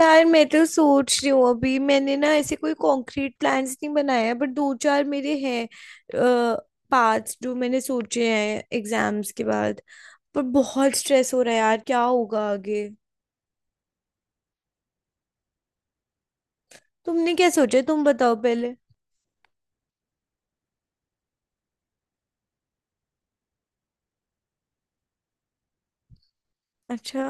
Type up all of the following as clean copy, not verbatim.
यार मैं तो सोच रही हूँ। अभी मैंने ना ऐसे कोई कॉन्क्रीट प्लान्स नहीं बनाया है, बट दो चार मेरे हैं पार्ट्स जो मैंने सोचे हैं एग्जाम्स के बाद। पर बहुत स्ट्रेस हो रहा है यार, क्या होगा आगे। तुमने क्या सोचा है? तुम बताओ पहले। अच्छा।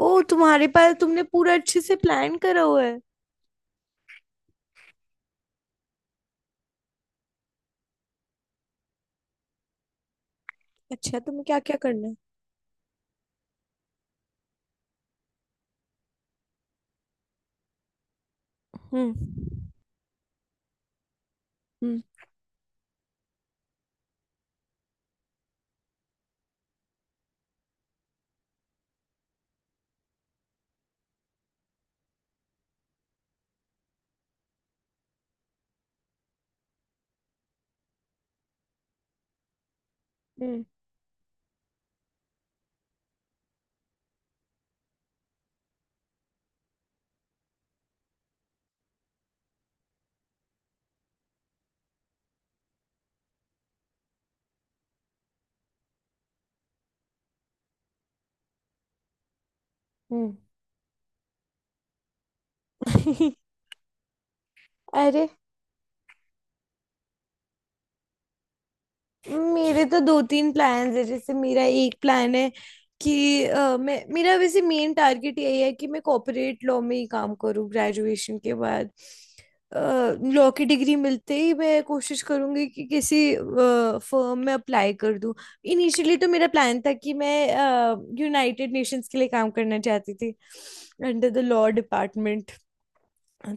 ओ तुम्हारे पास तुमने पूरा अच्छे से प्लान करा हुआ है। अच्छा तुम्हें क्या क्या करना है। हम्म। हम्म। हम्म। हम्म। अरे, मेरे तो दो तीन प्लान्स है। जैसे मेरा एक प्लान है कि मैं, मेरा वैसे मेन टारगेट यही है कि मैं कॉर्पोरेट लॉ में ही काम करूँ ग्रेजुएशन के बाद। लॉ की डिग्री मिलते ही मैं कोशिश करूँगी कि किसी फर्म में अप्लाई कर दूँ। इनिशियली तो मेरा प्लान था कि मैं यूनाइटेड नेशंस के लिए काम करना चाहती थी अंडर द लॉ डिपार्टमेंट।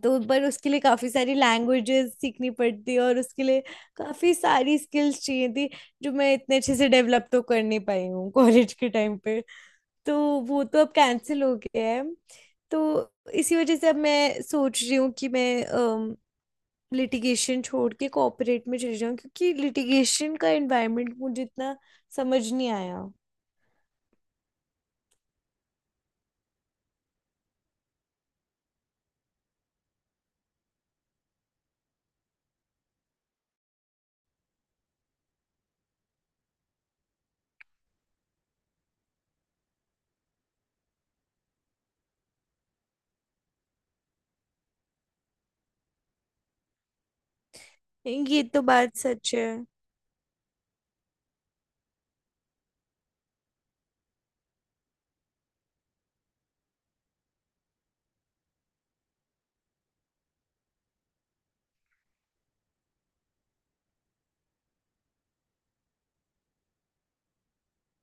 तो पर उसके लिए काफी सारी लैंग्वेजेस सीखनी पड़ती, और उसके लिए काफी सारी स्किल्स चाहिए थी जो मैं इतने अच्छे से डेवलप तो कर नहीं पाई हूँ कॉलेज के टाइम पे। तो वो तो अब कैंसिल हो गया है। तो इसी वजह से अब मैं सोच रही हूँ कि मैं लिटिगेशन छोड़ के कॉर्पोरेट में चली जाऊँ, क्योंकि लिटिगेशन का एनवायरनमेंट मुझे इतना समझ नहीं आया। ये तो बात सच है।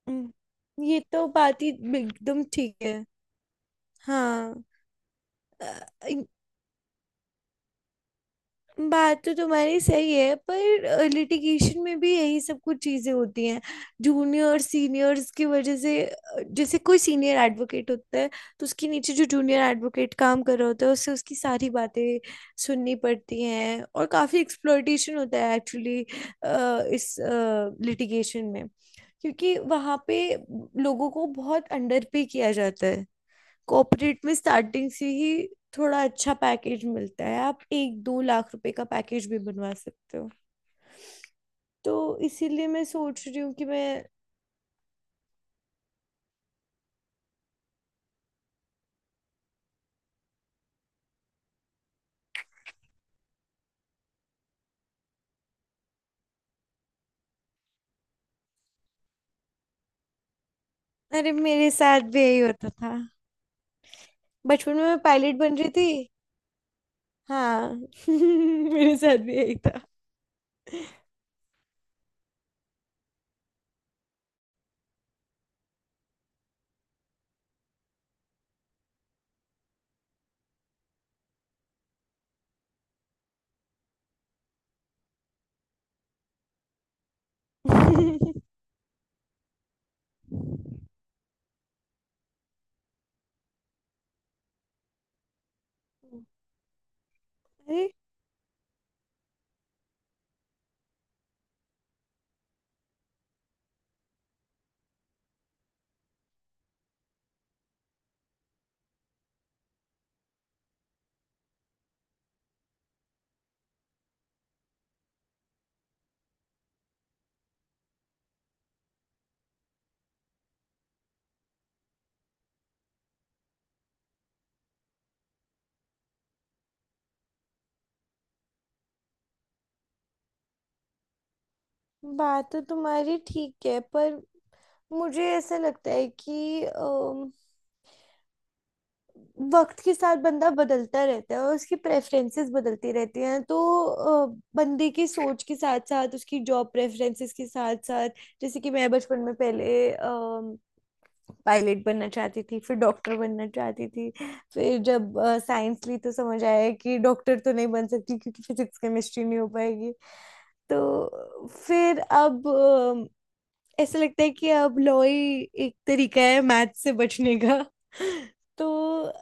हम्म, ये तो बात ही एकदम ठीक है। हाँ। बात तो तुम्हारी सही है, पर लिटिगेशन में भी यही सब कुछ चीजें होती हैं। जूनियर सीनियर्स की वजह से, जैसे कोई सीनियर एडवोकेट होता है, तो उसके नीचे जो जूनियर एडवोकेट काम कर रहा होता है उससे उसकी सारी बातें सुननी पड़ती हैं, और काफी एक्सप्लॉयटेशन होता है एक्चुअली इस लिटिगेशन में। क्योंकि वहाँ पे लोगों को बहुत अंडर पे किया जाता है। कॉर्पोरेट में स्टार्टिंग से ही थोड़ा अच्छा पैकेज मिलता है, आप एक दो लाख रुपए का पैकेज भी बनवा सकते हो। तो इसीलिए मैं सोच रही हूँ कि मैं। अरे मेरे साथ भी यही होता था। बचपन में मैं पायलट बन रही थी। हाँ मेरे साथ भी यही था। अरे, बात तो तुम्हारी ठीक है पर मुझे ऐसा लगता है कि वक्त के साथ बंदा बदलता रहता है और उसकी प्रेफरेंसेस बदलती रहती हैं। तो अ, बंदे की सोच के साथ साथ उसकी जॉब प्रेफरेंसेस के साथ साथ, जैसे कि मैं बचपन में पहले पायलट बनना चाहती थी, फिर डॉक्टर बनना चाहती थी। फिर जब साइंस ली तो समझ आया कि डॉक्टर तो नहीं बन सकती क्योंकि फिजिक्स केमिस्ट्री नहीं हो पाएगी। तो फिर अब ऐसा लगता है कि अब लॉ ही एक तरीका है मैथ से बचने का। तो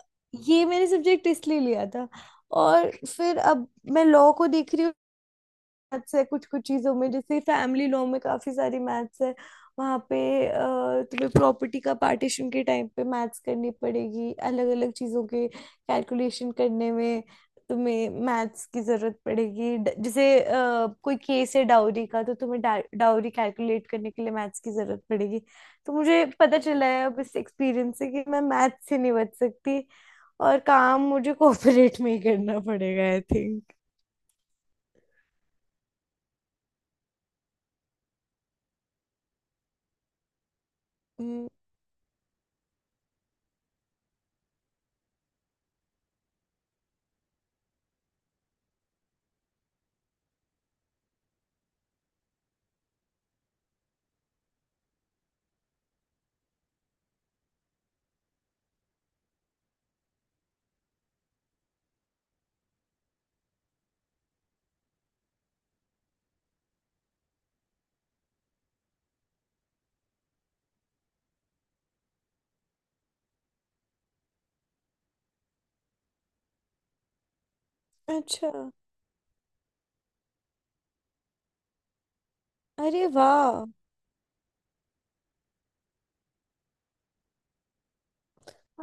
ये मैंने सब्जेक्ट इसलिए लिया था। और फिर अब मैं लॉ को देख रही हूँ। मैथ्स है कुछ कुछ चीजों में, जैसे फैमिली लॉ में काफी सारी मैथ्स है वहाँ पे। अ, तुम्हें प्रॉपर्टी का पार्टीशन के टाइम पे मैथ्स करनी पड़ेगी। अलग अलग चीजों के कैलकुलेशन करने में तुम्हें मैथ्स की जरूरत पड़ेगी। जैसे कोई केस है डाउरी का, तो तुम्हें डाउरी कैलकुलेट करने के लिए मैथ्स की जरूरत पड़ेगी। तो मुझे पता चला है अब इस एक्सपीरियंस से कि मैं मैथ्स से नहीं बच सकती, और काम मुझे कोऑपरेट में ही करना पड़ेगा आई थिंक। अच्छा। अरे वाह।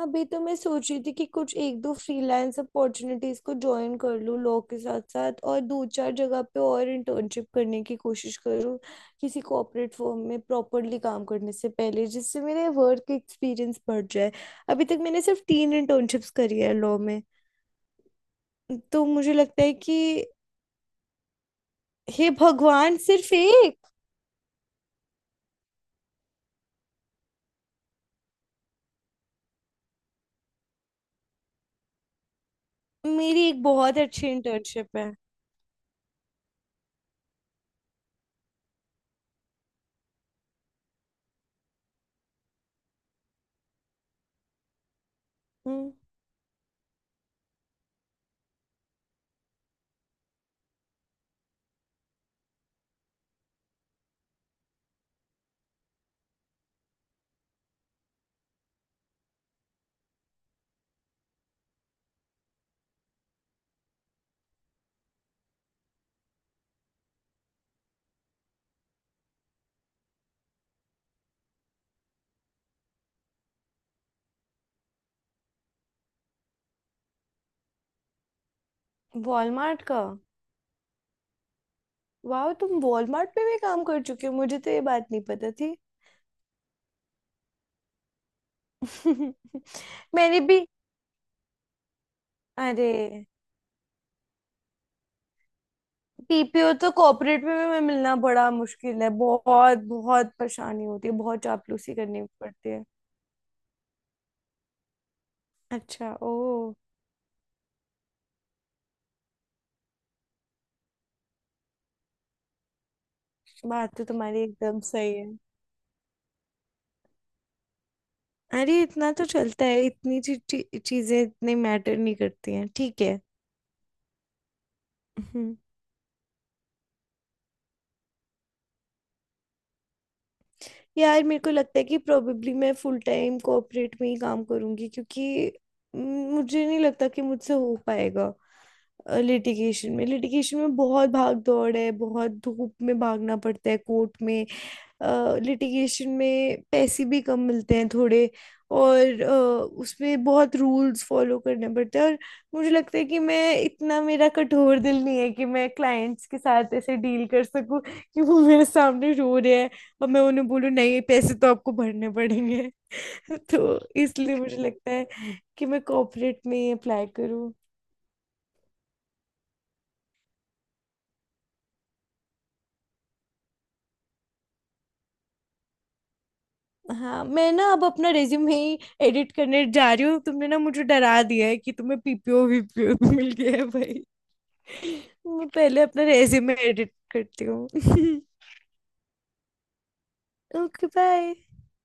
अभी तो मैं सोच रही थी कि कुछ एक दो फ्रीलांस अपॉर्चुनिटीज को ज्वाइन कर लूँ लॉ के साथ साथ, और दो चार जगह पे और इंटर्नशिप करने की कोशिश करूँ किसी कॉर्पोरेट फर्म में प्रॉपरली काम करने से पहले, जिससे मेरे वर्क एक्सपीरियंस बढ़ जाए। अभी तक मैंने सिर्फ तीन इंटर्नशिप्स करी है लॉ में। तो मुझे लगता है कि हे भगवान, सिर्फ एक मेरी एक बहुत अच्छी इंटर्नशिप है। हम्म। वॉलमार्ट का? वाह, तुम वॉलमार्ट पे भी काम कर चुके हो, मुझे तो ये बात नहीं पता थी। मैंने भी। अरे, पीपीओ तो कॉर्पोरेट में मिलना बड़ा मुश्किल है, बहुत बहुत परेशानी होती है, बहुत चापलूसी करनी पड़ती है। अच्छा। ओ। बात तो तुम्हारी एकदम सही है। अरे इतना तो चलता है, इतनी ची, ची, चीजें इतनी मैटर नहीं करती हैं, ठीक है। हम्म। यार मेरे को लगता है कि प्रोबेबली मैं फुल टाइम कॉर्पोरेट में ही काम करूंगी, क्योंकि म, मुझे नहीं लगता कि मुझसे हो पाएगा लिटिगेशन में। लिटिगेशन में बहुत भाग दौड़ है, बहुत धूप में भागना पड़ता है कोर्ट में। लिटिगेशन में पैसे भी कम मिलते हैं थोड़े, और उसमें बहुत रूल्स फॉलो करने पड़ते हैं। और मुझे लगता है कि मैं इतना, मेरा कठोर दिल नहीं है कि मैं क्लाइंट्स के साथ ऐसे डील कर सकूं कि वो मेरे सामने रो रहे और मैं उन्हें बोलूँ नहीं, पैसे तो आपको भरने पड़ेंगे। तो इसलिए मुझे लगता है कि मैं कॉर्पोरेट में ही अप्लाई करूँ। हाँ, मैं ना अब अपना रेज्यूमे ही एडिट करने जा रही हूँ, तुमने ना मुझे डरा दिया है कि तुम्हें पीपीओ वीपीओ मिल गया है भाई। मैं पहले अपना रेज्यूमे एडिट करती हूँ। Okay bye.